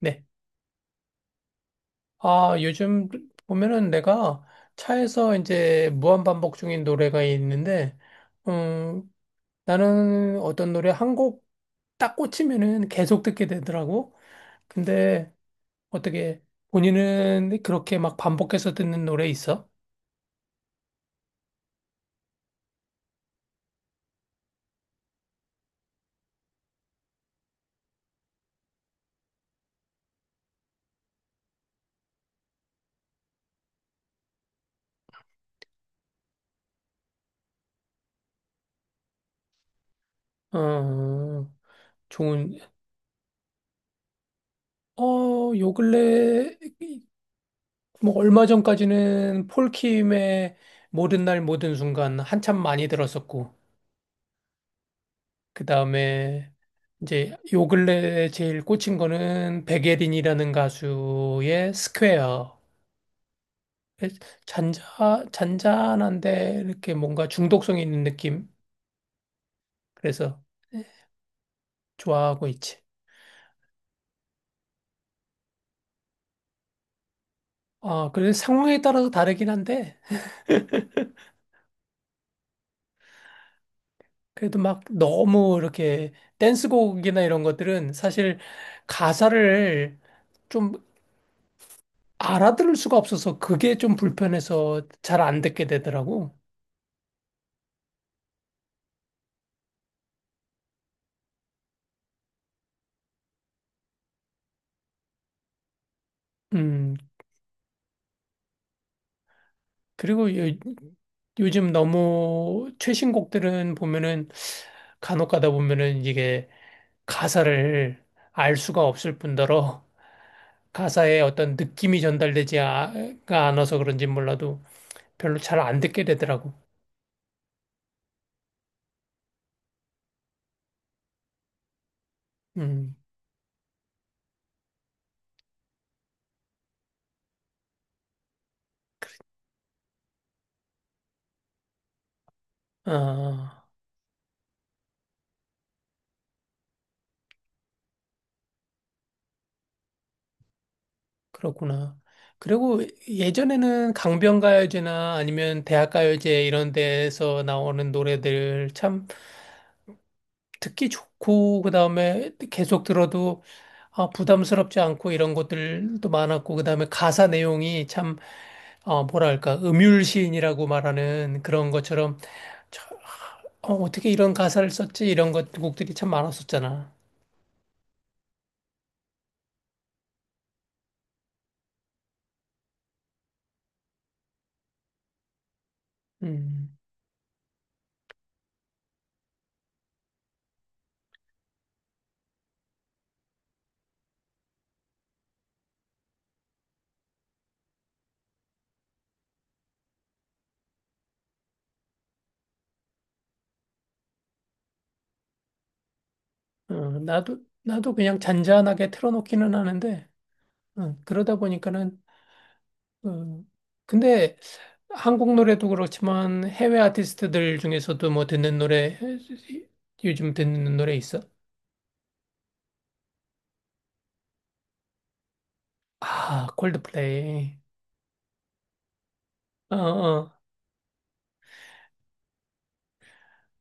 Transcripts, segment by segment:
네. 아, 요즘 보면은 내가 차에서 이제 무한반복 중인 노래가 있는데, 음, 나는 어떤 노래 한 곡 딱 꽂히면은 계속 듣게 되더라고. 근데 어떻게 본인은 그렇게 막 반복해서 듣는 노래 있어? 어, 좋은, 요 근래, 뭐 얼마 전까지는 폴킴의 모든 날 모든 순간 한참 많이 들었었고, 그다음에 이제 요 근래 제일 꽂힌 거는 백예린이라는 가수의 스퀘어. 잔자 잔잔한데 이렇게 뭔가 중독성이 있는 느낌. 그래서 좋아하고 있지. 아, 그래서 상황에 따라서 다르긴 한데, 그래도 막 너무 이렇게 댄스곡이나 이런 것들은 사실 가사를 좀 알아들을 수가 없어서 그게 좀 불편해서 잘 안 듣게 되더라고. 음, 그리고 요즘 너무 최신 곡들은 보면은 간혹 가다 보면은 이게 가사를 알 수가 없을 뿐더러 가사에 어떤 느낌이 전달되지가 않아서 그런지 몰라도 별로 잘 안 듣게 되더라고. 음. 아, 그렇구나. 그리고 예전에는 강변가요제나 아니면 대학가요제 이런 데에서 나오는 노래들 참 듣기 좋고, 그 다음에 계속 들어도 아, 부담스럽지 않고 이런 것들도 많았고, 그 다음에 가사 내용이 참, 뭐랄까, 음율시인이라고 말하는 그런 것처럼, 참, 어떻게 이런 가사를 썼지? 이런 것, 곡들이 참 많았었잖아. 음, 어, 나도 그냥 잔잔하게 틀어놓기는 하는데, 그러다 보니까는, 어, 근데 한국 노래도 그렇지만 해외 아티스트들 중에서도 뭐 듣는 노래, 요즘 듣는 노래 있어? 아, 콜드플레이. 어, 어.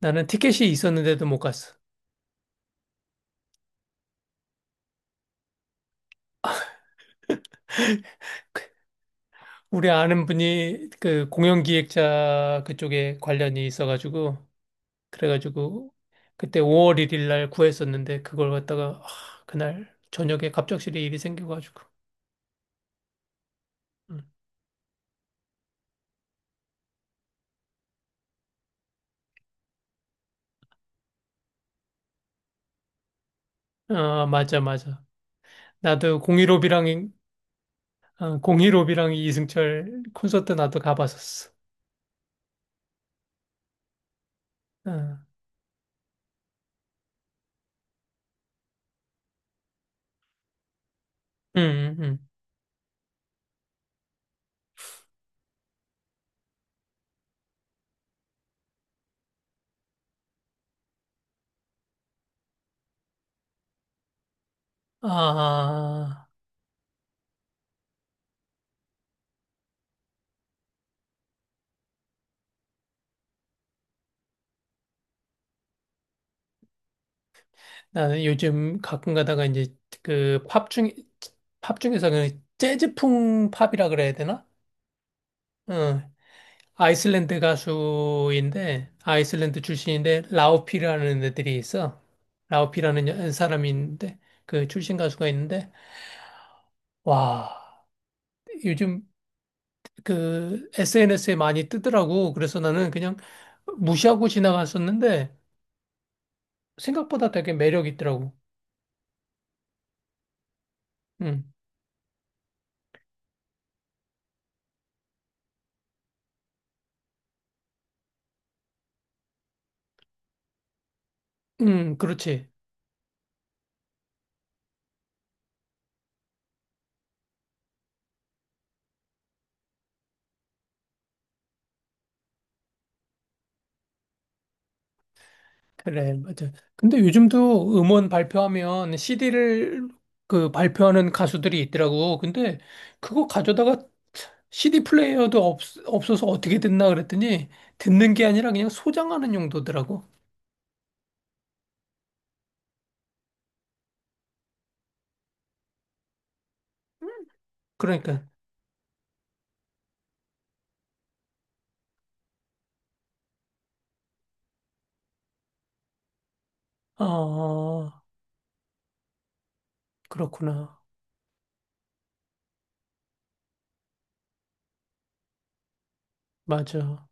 나는 티켓이 있었는데도 못 갔어. 우리 아는 분이 그 공연 기획자 그쪽에 관련이 있어가지고, 그래가지고, 그때 5월 1일 날 구했었는데, 그걸 갖다가, 아, 그날 저녁에 갑작스레 일이 생겨가지고. 응. 아, 맞아, 맞아. 나도 공일오비랑 이승철 콘서트 나도 가봤었어. 응, 응, 응. 응. 아. 나는 요즘 가끔 가다가 이제 그 팝 중, 팝 중에서 그 재즈풍 팝이라 그래야 되나? 어, 아이슬란드 가수인데, 아이슬란드 출신인데, 라우피라는 애들이 있어. 라우피라는 사람이 있는데, 그 출신 가수가 있는데, 와, 요즘 그 SNS에 많이 뜨더라고. 그래서 나는 그냥 무시하고 지나갔었는데, 생각보다 되게 매력 있더라고. 응, 응, 그렇지. 그래, 맞아. 근데 요즘도 음원 발표하면 CD를 그 발표하는 가수들이 있더라고. 근데 그거 가져다가 CD 플레이어도 없어서 어떻게 듣나 그랬더니 듣는 게 아니라 그냥 소장하는 용도더라고. 그러니까, 아, 그렇구나. 맞아.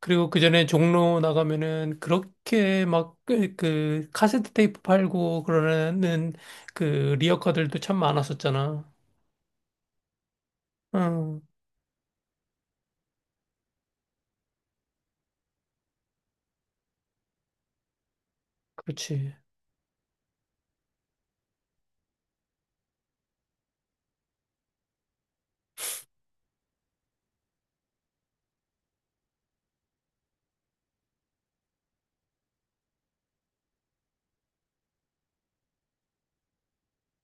그리고 그 전에 종로 나가면은 그렇게 막 그 카세트 테이프 팔고 그러는 그 리어카들도 참 많았었잖아. 응, 그렇지.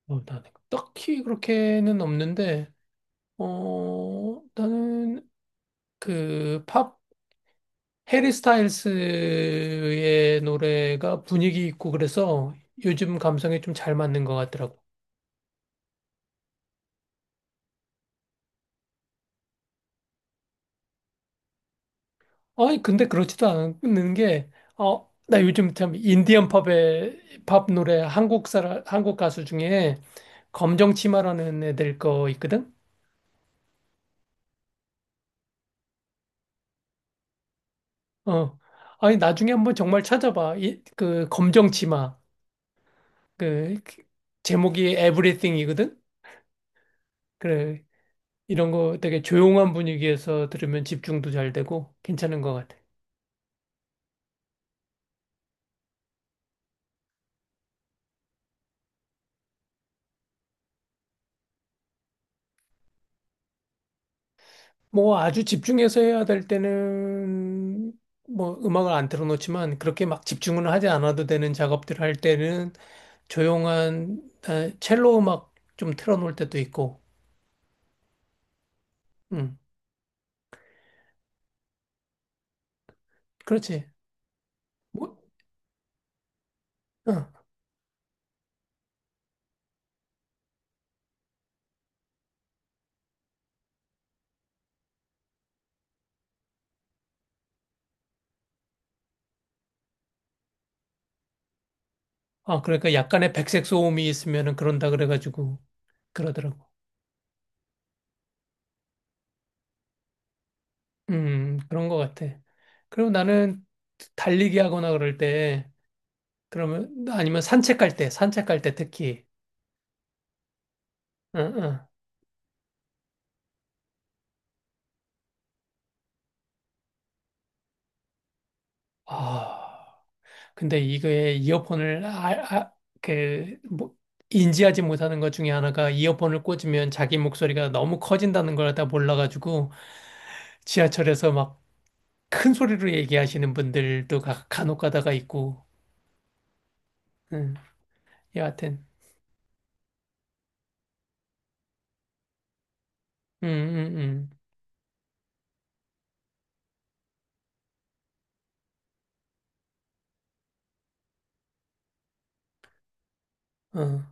나는 딱히 그렇게는 없는데, 나는 그 팝, 해리 스타일스의 노래가 분위기 있고 그래서 요즘 감성에 좀 잘 맞는 것 같더라고. 아니, 근데 그렇지도 않은 게, 나 요즘 참 인디언 팝의 팝 노래 한국 가수 중에 검정 치마라는 애들 거 있거든? 어. 아니, 나중에 한번 정말 찾아봐. 그 검정 치마. 그 제목이 Everything이거든. 그래 이런 거 되게 조용한 분위기에서 들으면 집중도 잘 되고 괜찮은 것 같아. 뭐 아주 집중해서 해야 될 때는 뭐 음악을 안 틀어놓지만 그렇게 막 집중은 하지 않아도 되는 작업들 할 때는 조용한 첼로 음악 좀 틀어놓을 때도 있고. 음. 그렇지. 뭐, 어. 아 그러니까 약간의 백색 소음이 있으면은 그런다 그래가지고 그러더라고. 그런 것 같아. 그리고 나는 달리기 하거나 그럴 때, 그러면, 아니면 산책할 때 특히, 응, 응. 아, 근데 이거에 이어폰을, 아, 그, 뭐, 인지하지 못하는 것 중에 하나가 이어폰을 꽂으면 자기 목소리가 너무 커진다는 걸 다 몰라가지고, 지하철에서 막 큰 소리로 얘기하시는 분들도 간혹 가다가 있고, 응, 여하튼, 응, 응, 응.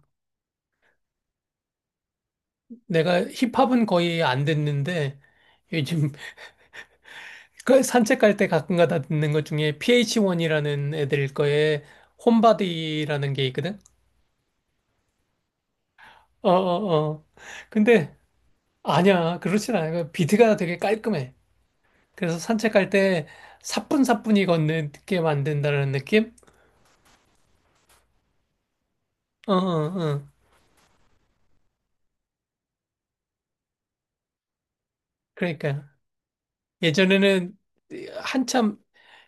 내가 힙합은 거의 안 듣는데 요즘 그 산책 갈 때 가끔 가다 듣는 것 중에 PH1이라는 애들 거에 홈바디라는 게 있거든. 어, 어, 어. 근데 아니야. 그렇진 않아. 그 비트가 되게 깔끔해. 그래서 산책 갈 때 사뿐사뿐히 걷는 게 만든다는 느낌? 어, 어, 어. 그러니까 예전에는 한참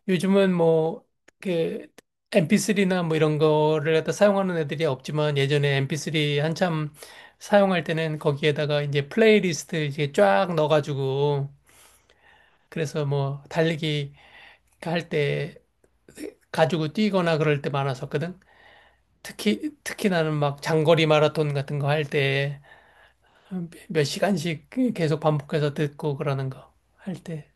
요즘은 뭐, 그, MP3나 뭐 이런 거를 갖다 사용하는 애들이 없지만 예전에 MP3 한참 사용할 때는 거기에다가 이제 플레이리스트 이제 쫙 넣어가지고 그래서 뭐 달리기 할 때 가지고 뛰거나 그럴 때 많았었거든. 특히 나는 막 장거리 마라톤 같은 거 할 때 몇 시간씩 계속 반복해서 듣고 그러는 거 할 때.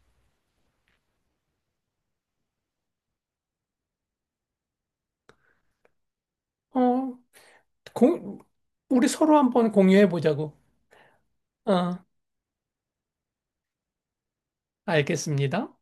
어, 공, 우리 서로 한번 공유해 보자고. 어. 알겠습니다.